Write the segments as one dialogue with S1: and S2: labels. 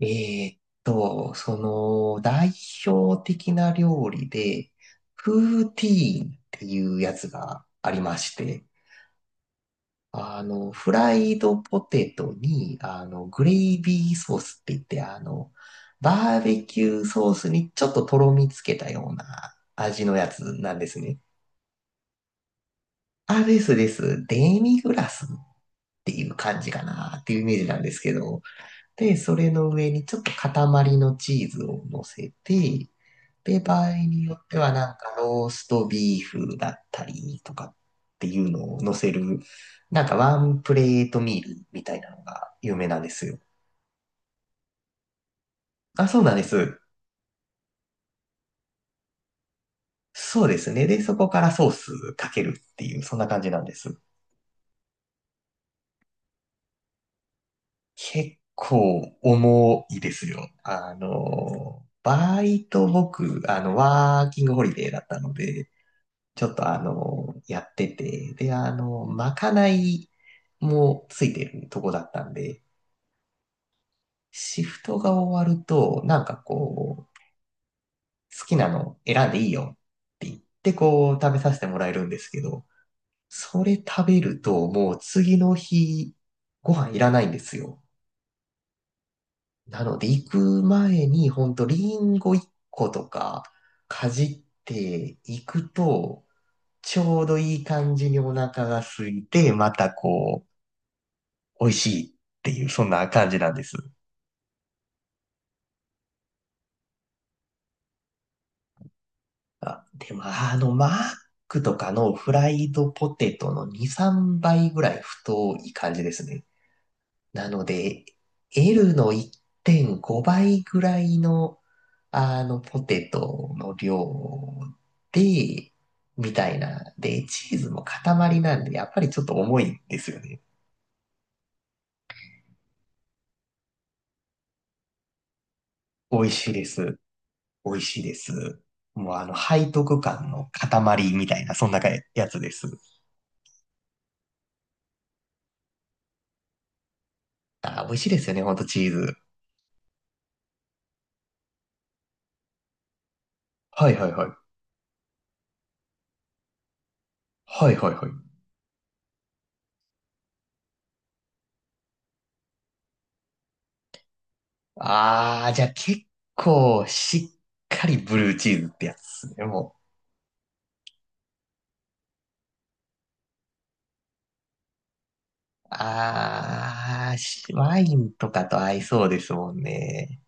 S1: え代表的な料理で、プーティーンっていうやつがありまして、フライドポテトに、グレイビーソースって言って、バーベキューソースにちょっととろみつけたような味のやつなんですね。あ、ですです。デミグラスっていう感じかなっていうイメージなんですけど、で、それの上にちょっと塊のチーズを乗せて、で、場合によってはなんかローストビーフだったりとかっていうのを乗せる、なんかワンプレートミールみたいなのが有名なんですよ。あ、そうなんです。そうですね。で、そこからソースかけるっていう、そんな感じなんです。結構重いですよ。バイト僕、ワーキングホリデーだったので、ちょっとやってて、で、まかないもついてるとこだったんで、シフトが終わると、なんかこう、好きなの選んでいいよって言ってこう、食べさせてもらえるんですけど、それ食べるともう次の日、ご飯いらないんですよ。なので、行く前に、ほんと、リンゴ1個とか、かじっていくと、ちょうどいい感じにお腹が空いて、またこう、美味しいっていう、そんな感じなんです。あ、でも、マックとかのフライドポテトの2、3倍ぐらい太い感じですね。なので、L の1.5倍ぐらいの、ポテトの量で、みたいな。で、チーズも塊なんで、やっぱりちょっと重いんですよね。美味しいです。美味しいです。もう背徳感の塊みたいな、そんなやつです。あー、美味しいですよね、ほんとチーズ。はいはいはい。はいはいはい。ああ、じゃあ結構しっかりブルーチーズってやつですね、もう。ああ、ワインとかと合いそうですもんね。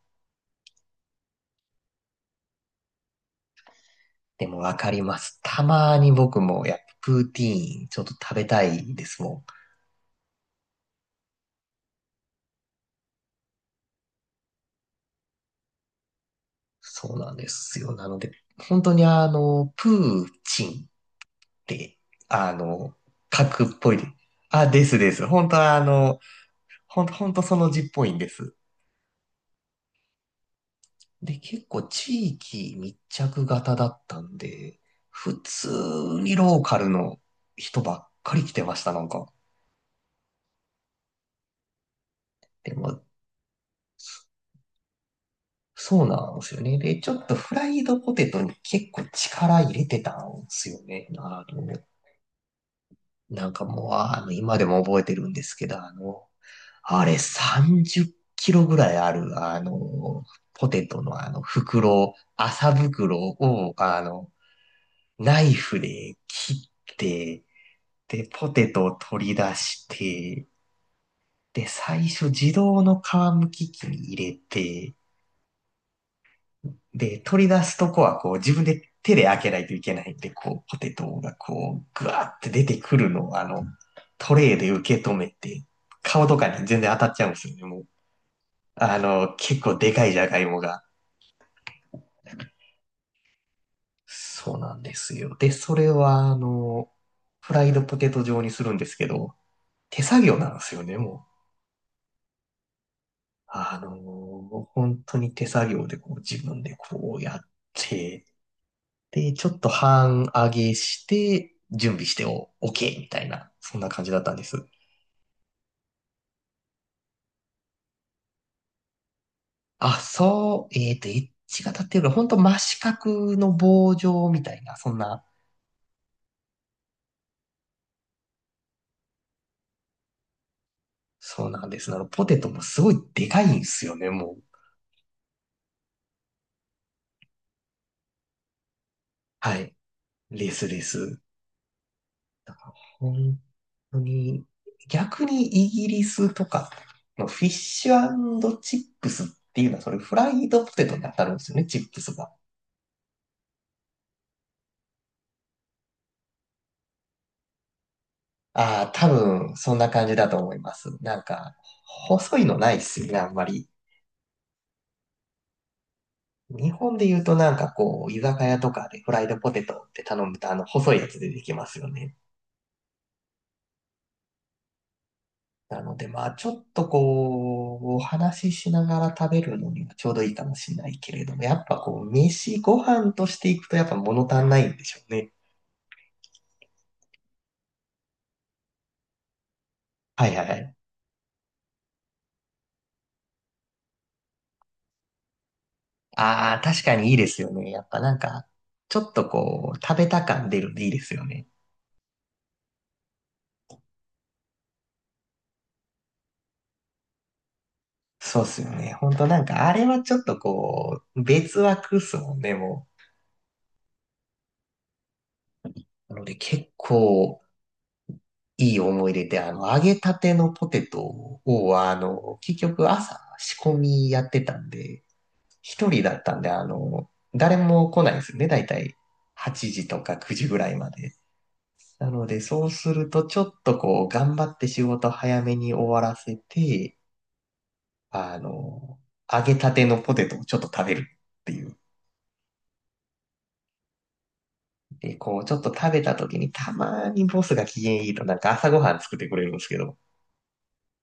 S1: でもわかります。たまに僕もやっぱプーティーンちょっと食べたいですもん。そうなんですよ。なので、本当にプーチンって、あの、核っぽいで。あ、ですです。本当は本当本当その字っぽいんです。で、結構地域密着型だったんで、普通にローカルの人ばっかり来てました、なんか。でも、そうなんですよね。で、ちょっとフライドポテトに結構力入れてたんですよね。なんかもう、今でも覚えてるんですけど、あれ30キロぐらいある、ポテトのあの袋、麻袋を、ナイフで切って、で、ポテトを取り出して、で、最初自動の皮むき器に入れて、で、取り出すとこはこう自分で手で開けないといけないんで、こう、ポテトがこう、ぐわーって出てくるのを、トレイで受け止めて、顔とかに全然当たっちゃうんですよね、もう。結構でかいじゃがいもが。そうなんですよ。で、それは、フライドポテト状にするんですけど、手作業なんですよね、もあのー本当に手作業でこう自分でこうやって、で、ちょっと半上げして、準備してOK みたいな、そんな感じだったんです。あ、そう、エッジが立ってるから、本当真四角の棒状みたいな、そんな、そうなんです。ポテトもすごいでかいんですよね、もう。はい。レスレス。本本当に、逆にイギリスとかのフィッシュチップスっていうのは、それフライドポテトに当たるんですよね、チップスが。ああ、多分、そんな感じだと思います。なんか、細いのないっすよね、あんまり。日本で言うとなんかこう、居酒屋とかでフライドポテトって頼むと、細いやつ出てきますよね。なので、まあ、ちょっとこう、お話ししながら食べるのにはちょうどいいかもしれないけれども、やっぱこう、ご飯としていくとやっぱ物足んないんでしょうね。はいはいはい。ああ、確かにいいですよね。やっぱなんか、ちょっとこう、食べた感出るんでいいですよね。そうっすよね。ほんとなんか、あれはちょっとこう、別枠っすもんね、もう。なので結構、いい思い出で、揚げたてのポテトを、結局朝仕込みやってたんで、一人だったんで、誰も来ないんですよね。だいたい8時とか9時ぐらいまで。なので、そうすると、ちょっとこう、頑張って仕事早めに終わらせて、あの、揚げたてのポテトをちょっと食べるっていう。で、こう、ちょっと食べた時に、たまにボスが機嫌いいと、なんか朝ごはん作ってくれるんですけど、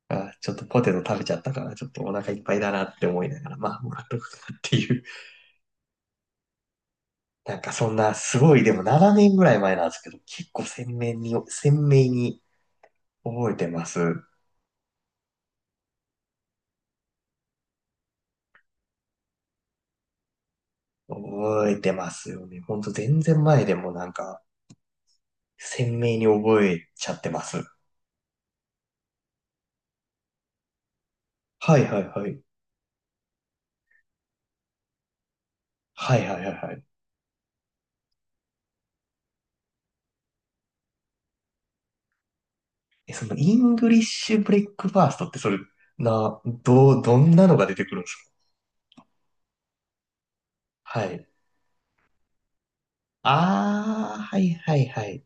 S1: あ、ちょっとポテト食べちゃったから、ちょっとお腹いっぱいだなって思いながら、まあ、もらっとくかっていう。なんかそんな、すごい、でも7年ぐらい前なんですけど、結構鮮明に、鮮明に覚えてます。覚えてますよね。ほんと全然前でもなんか、鮮明に覚えちゃってます。はいはいはい。はいはいはいはい。え、そのイングリッシュブレックファーストってそれ、な、どう、どんなのが出てくるんですか？はい。あー、はいはいはい。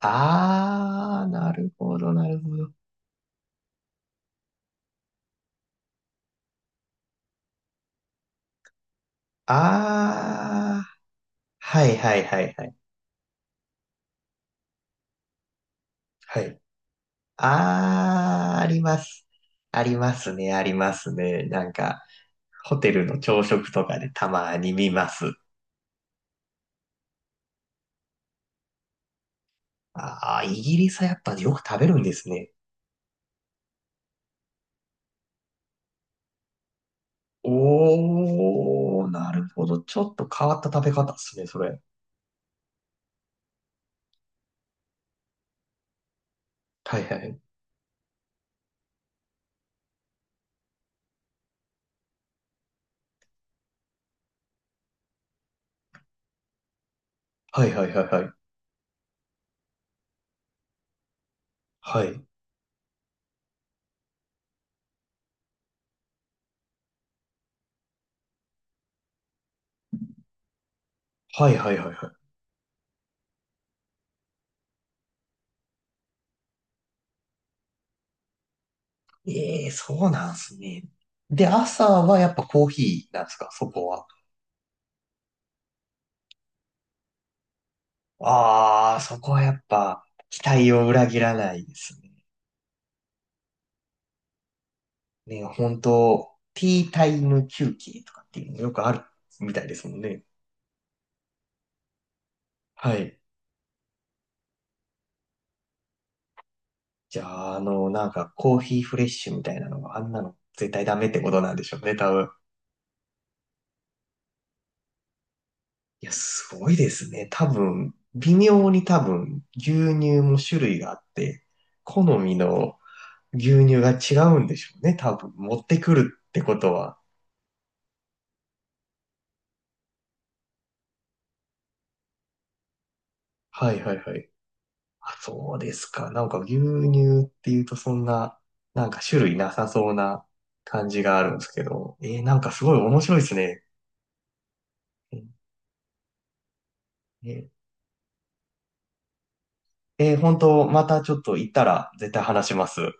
S1: あー、なるほどなるほど。あー、はいはいはいはい。はい。あー、あります。ありますね、ありますね。なんか、ホテルの朝食とかでたまに見ます。あー、イギリスはやっぱよく食べるんですね。おー、なるほど。ちょっと変わった食べ方ですね、それ。はいはい。はいはいはいはい。はい。はいはいはいはい。ええー、そうなんすね。で、朝はやっぱコーヒーなんですか、そこは？ああ、そこはやっぱ期待を裏切らないですね。ね、本当ティータイム休憩とかっていうのよくあるみたいですもんね。はい。じゃあ、なんかコーヒーフレッシュみたいなのがあんなの絶対ダメってことなんでしょうね、多分。いや、すごいですね。多分、微妙に多分、牛乳も種類があって、好みの牛乳が違うんでしょうね。多分、持ってくるってことは。はいはいはい。あ、そうですか。なんか牛乳っていうとそんな、なんか種類なさそうな感じがあるんですけど。えー、なんかすごい面白いですね。えー、本当またちょっと行ったら絶対話します。